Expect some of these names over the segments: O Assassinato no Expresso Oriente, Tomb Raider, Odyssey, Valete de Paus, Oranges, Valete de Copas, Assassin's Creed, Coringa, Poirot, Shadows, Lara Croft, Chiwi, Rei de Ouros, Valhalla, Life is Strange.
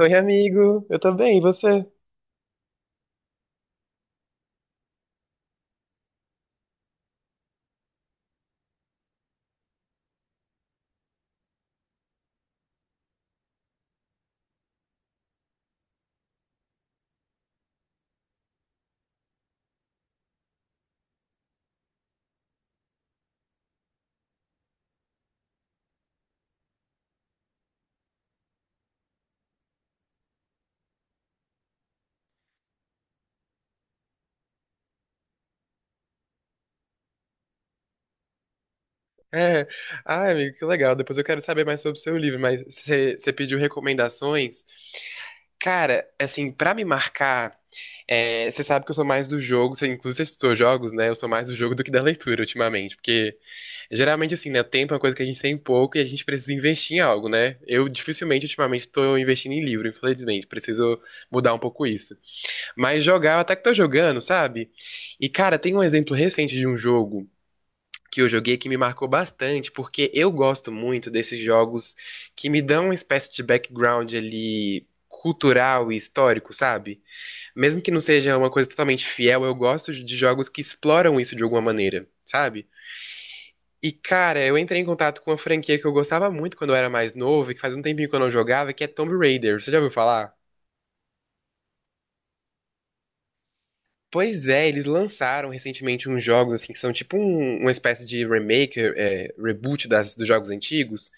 Oi, amigo, eu tô bem, e você? É. Ai, amigo, que legal. Depois eu quero saber mais sobre o seu livro, mas você pediu recomendações. Cara, assim, pra me marcar, é, você sabe que eu sou mais do jogo, você, inclusive você estudou jogos, né? Eu sou mais do jogo do que da leitura ultimamente, porque geralmente, assim, né? Tempo é uma coisa que a gente tem pouco e a gente precisa investir em algo, né? Eu dificilmente ultimamente tô investindo em livro, infelizmente, preciso mudar um pouco isso. Mas jogar, eu até que tô jogando, sabe? E, cara, tem um exemplo recente de um jogo que eu joguei que me marcou bastante, porque eu gosto muito desses jogos que me dão uma espécie de background ali cultural e histórico, sabe? Mesmo que não seja uma coisa totalmente fiel, eu gosto de jogos que exploram isso de alguma maneira, sabe? E, cara, eu entrei em contato com uma franquia que eu gostava muito quando eu era mais novo e que faz um tempinho que eu não jogava, que é Tomb Raider. Você já ouviu falar? Pois é, eles lançaram recentemente uns jogos assim que são tipo uma espécie de remake, é, reboot dos jogos antigos.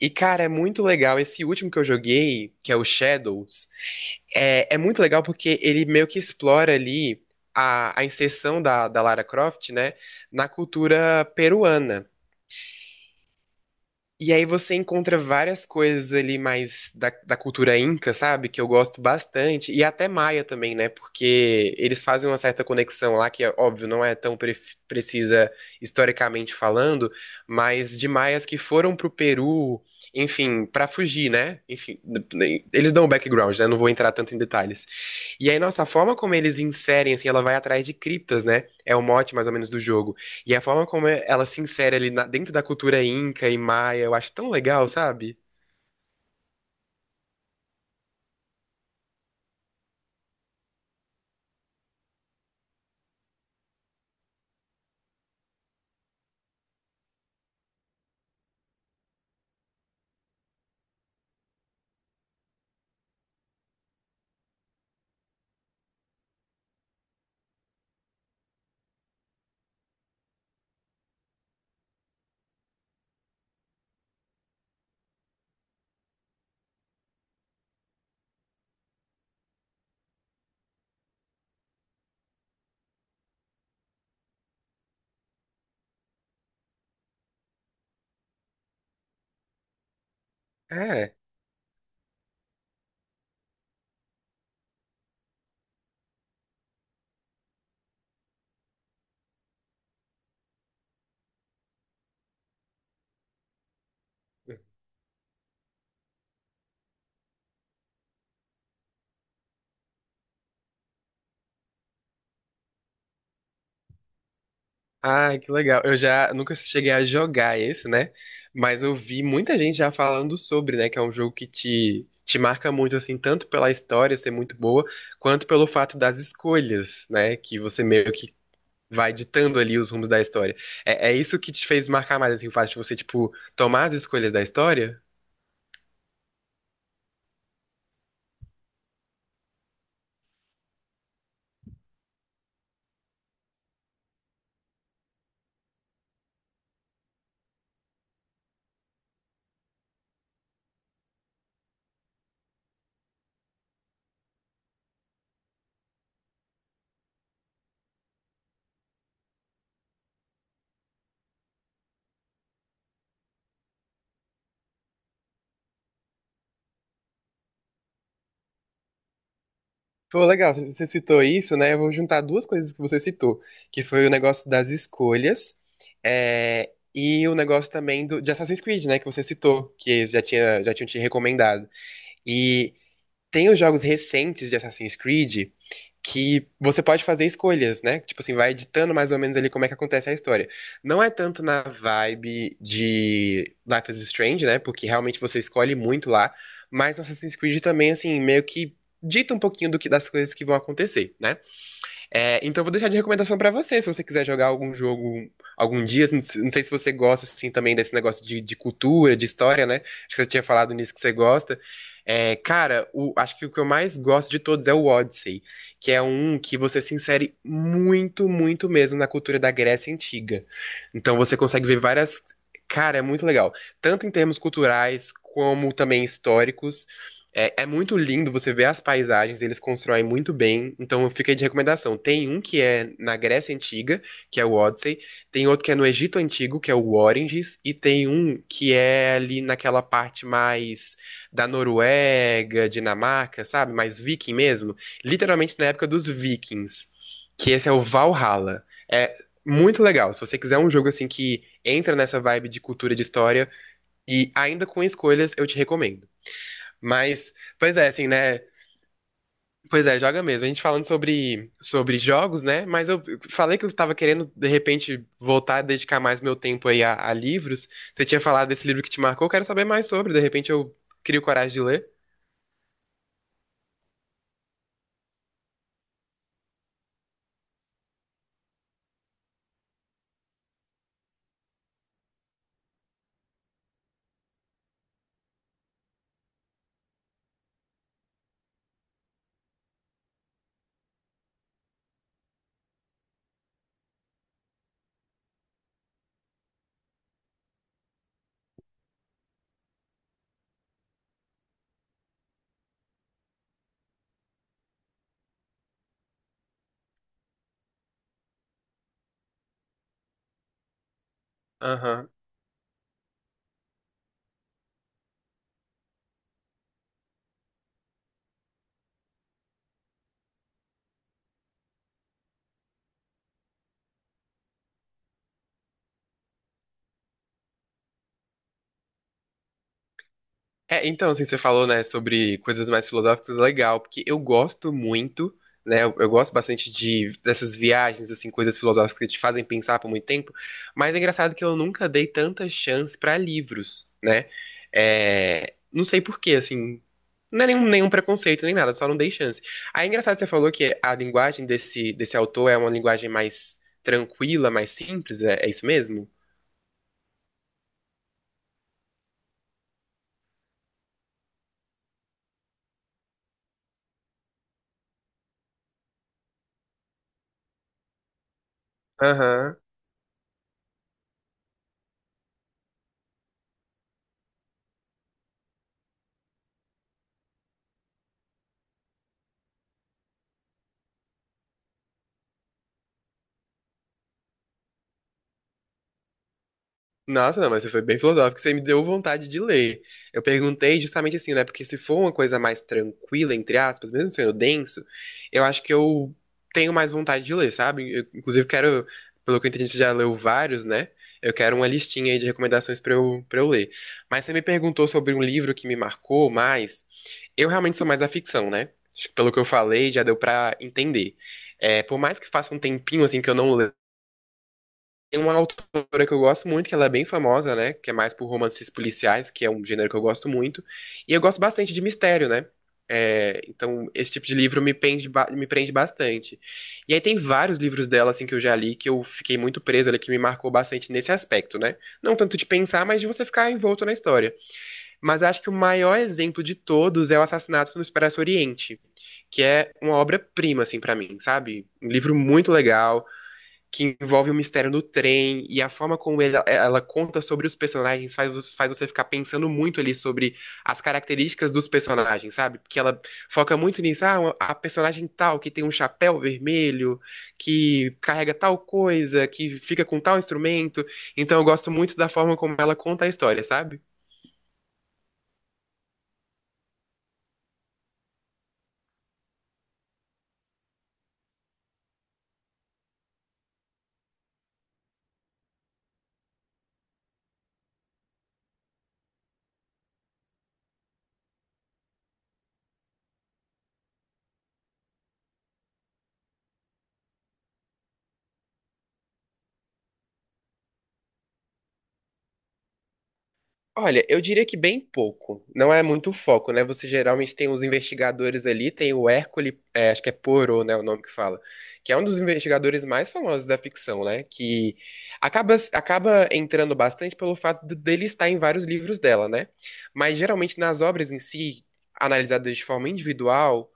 E, cara, é muito legal. Esse último que eu joguei, que é o Shadows, é, é muito legal porque ele meio que explora ali a inserção da Lara Croft, né, na cultura peruana. E aí você encontra várias coisas ali mais da cultura inca, sabe? Que eu gosto bastante. E até maia também, né? Porque eles fazem uma certa conexão lá, que é óbvio, não é tão precisa historicamente falando, mas de maias que foram pro Peru, enfim, pra fugir, né? Enfim, eles dão o background, né? Não vou entrar tanto em detalhes. E aí, nossa, a forma como eles inserem, assim, ela vai atrás de criptas, né? É o mote mais ou menos do jogo. E a forma como ela se insere ali dentro da cultura inca e maia, eu acho tão legal, sabe? É. Ai, que legal. Eu já nunca cheguei a jogar esse, né? Mas eu vi muita gente já falando sobre, né? Que é um jogo que te marca muito, assim, tanto pela história ser muito boa, quanto pelo fato das escolhas, né? Que você meio que vai ditando ali os rumos da história. É, é isso que te fez marcar mais, assim, o fato de você, tipo, tomar as escolhas da história? Pô, legal, você citou isso, né? Eu vou juntar duas coisas que você citou, que foi o negócio das escolhas, é, e o negócio também do, de Assassin's Creed, né? Que você citou, que já tinham te recomendado. E tem os jogos recentes de Assassin's Creed, que você pode fazer escolhas, né? Tipo assim, vai editando mais ou menos ali como é que acontece a história. Não é tanto na vibe de Life is Strange, né? Porque realmente você escolhe muito lá, mas no Assassin's Creed também, assim, meio que dita um pouquinho do que das coisas que vão acontecer, né? É, então, eu vou deixar de recomendação pra você, se você quiser jogar algum jogo algum dia. Não sei se você gosta, assim, também desse negócio de cultura, de história, né? Acho que você tinha falado nisso que você gosta. É, cara, acho que o que eu mais gosto de todos é o Odyssey, que é um que você se insere muito, muito mesmo na cultura da Grécia Antiga. Então, você consegue ver várias. Cara, é muito legal. Tanto em termos culturais, como também históricos. É, é muito lindo você ver as paisagens, eles constroem muito bem. Então fica aí de recomendação. Tem um que é na Grécia Antiga, que é o Odyssey. Tem outro que é no Egito Antigo, que é o Oranges. E tem um que é ali naquela parte mais da Noruega, Dinamarca, sabe? Mais viking mesmo. Literalmente na época dos vikings. Que esse é o Valhalla. É muito legal. Se você quiser um jogo assim que entra nessa vibe de cultura e de história e ainda com escolhas, eu te recomendo. Mas, pois é, assim, né? Pois é, joga mesmo. A gente falando sobre, sobre jogos, né? Mas eu falei que eu tava querendo, de repente, voltar a dedicar mais meu tempo aí a livros. Você tinha falado desse livro que te marcou, eu quero saber mais sobre. De repente eu crio coragem de ler. Aham. É, então, assim, você falou, né, sobre coisas mais filosóficas, legal, porque eu gosto muito, né, eu gosto bastante de dessas viagens, assim, coisas filosóficas que te fazem pensar por muito tempo, mas é engraçado que eu nunca dei tanta chance pra livros, né, é, não sei por quê, assim, não é nenhum preconceito, nem nada, só não dei chance. Aí é engraçado que você falou que a linguagem desse autor é uma linguagem mais tranquila, mais simples, é, é isso mesmo? Aham. Nossa, não, mas você foi bem filosófico, você me deu vontade de ler. Eu perguntei justamente assim, né? Porque se for uma coisa mais tranquila, entre aspas, mesmo sendo denso, eu acho que eu tenho mais vontade de ler, sabe? Eu, inclusive, quero, pelo que eu entendi, você já leu vários, né? Eu quero uma listinha aí de recomendações pra eu ler. Mas você me perguntou sobre um livro que me marcou mais. Eu realmente sou mais da ficção, né? Acho que pelo que eu falei, já deu pra entender. É, por mais que faça um tempinho assim que eu não, tem uma autora que eu gosto muito, que ela é bem famosa, né? Que é mais por romances policiais, que é um gênero que eu gosto muito. E eu gosto bastante de mistério, né? É, então, esse tipo de livro me prende, me prende bastante. E aí tem vários livros dela, assim, que eu já li, que eu fiquei muito preso ali, que me marcou bastante nesse aspecto, né? Não tanto de pensar, mas de você ficar envolto na história. Mas eu acho que o maior exemplo de todos é O Assassinato no Expresso Oriente, que é uma obra-prima, assim, pra mim, sabe? Um livro muito legal que envolve o mistério do trem e a forma como ela conta sobre os personagens faz, faz você ficar pensando muito ali sobre as características dos personagens, sabe? Porque ela foca muito nisso. A personagem tal que tem um chapéu vermelho, que carrega tal coisa, que fica com tal instrumento. Então eu gosto muito da forma como ela conta a história, sabe? Olha, eu diria que bem pouco. Não é muito foco, né? Você geralmente tem os investigadores ali, tem o Hércules, é, acho que é Poirot, né, o nome que fala, que é um dos investigadores mais famosos da ficção, né? Que acaba, acaba entrando bastante pelo fato dele estar em vários livros dela, né? Mas geralmente nas obras em si, analisadas de forma individual,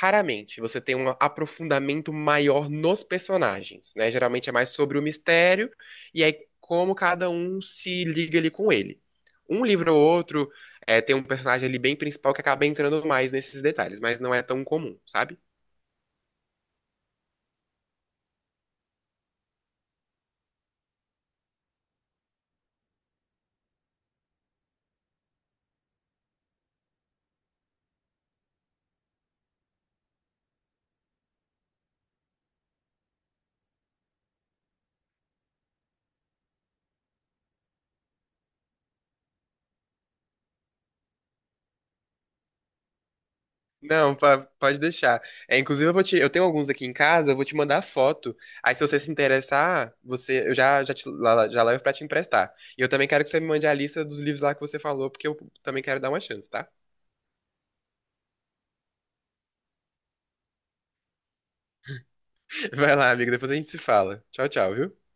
raramente você tem um aprofundamento maior nos personagens, né? Geralmente é mais sobre o mistério e aí como cada um se liga ali com ele. Um livro ou outro é, tem um personagem ali bem principal que acaba entrando mais nesses detalhes, mas não é tão comum, sabe? Não, pode deixar. É, inclusive, eu tenho alguns aqui em casa, eu vou te mandar foto. Aí, se você se interessar, você, eu já, já, te- lá- lá- já levo pra te emprestar. E eu também quero que você me mande a lista dos livros lá que você falou, porque eu também quero dar uma chance, tá? Vai lá, amigo, depois a gente se fala. Tchau, tchau, viu?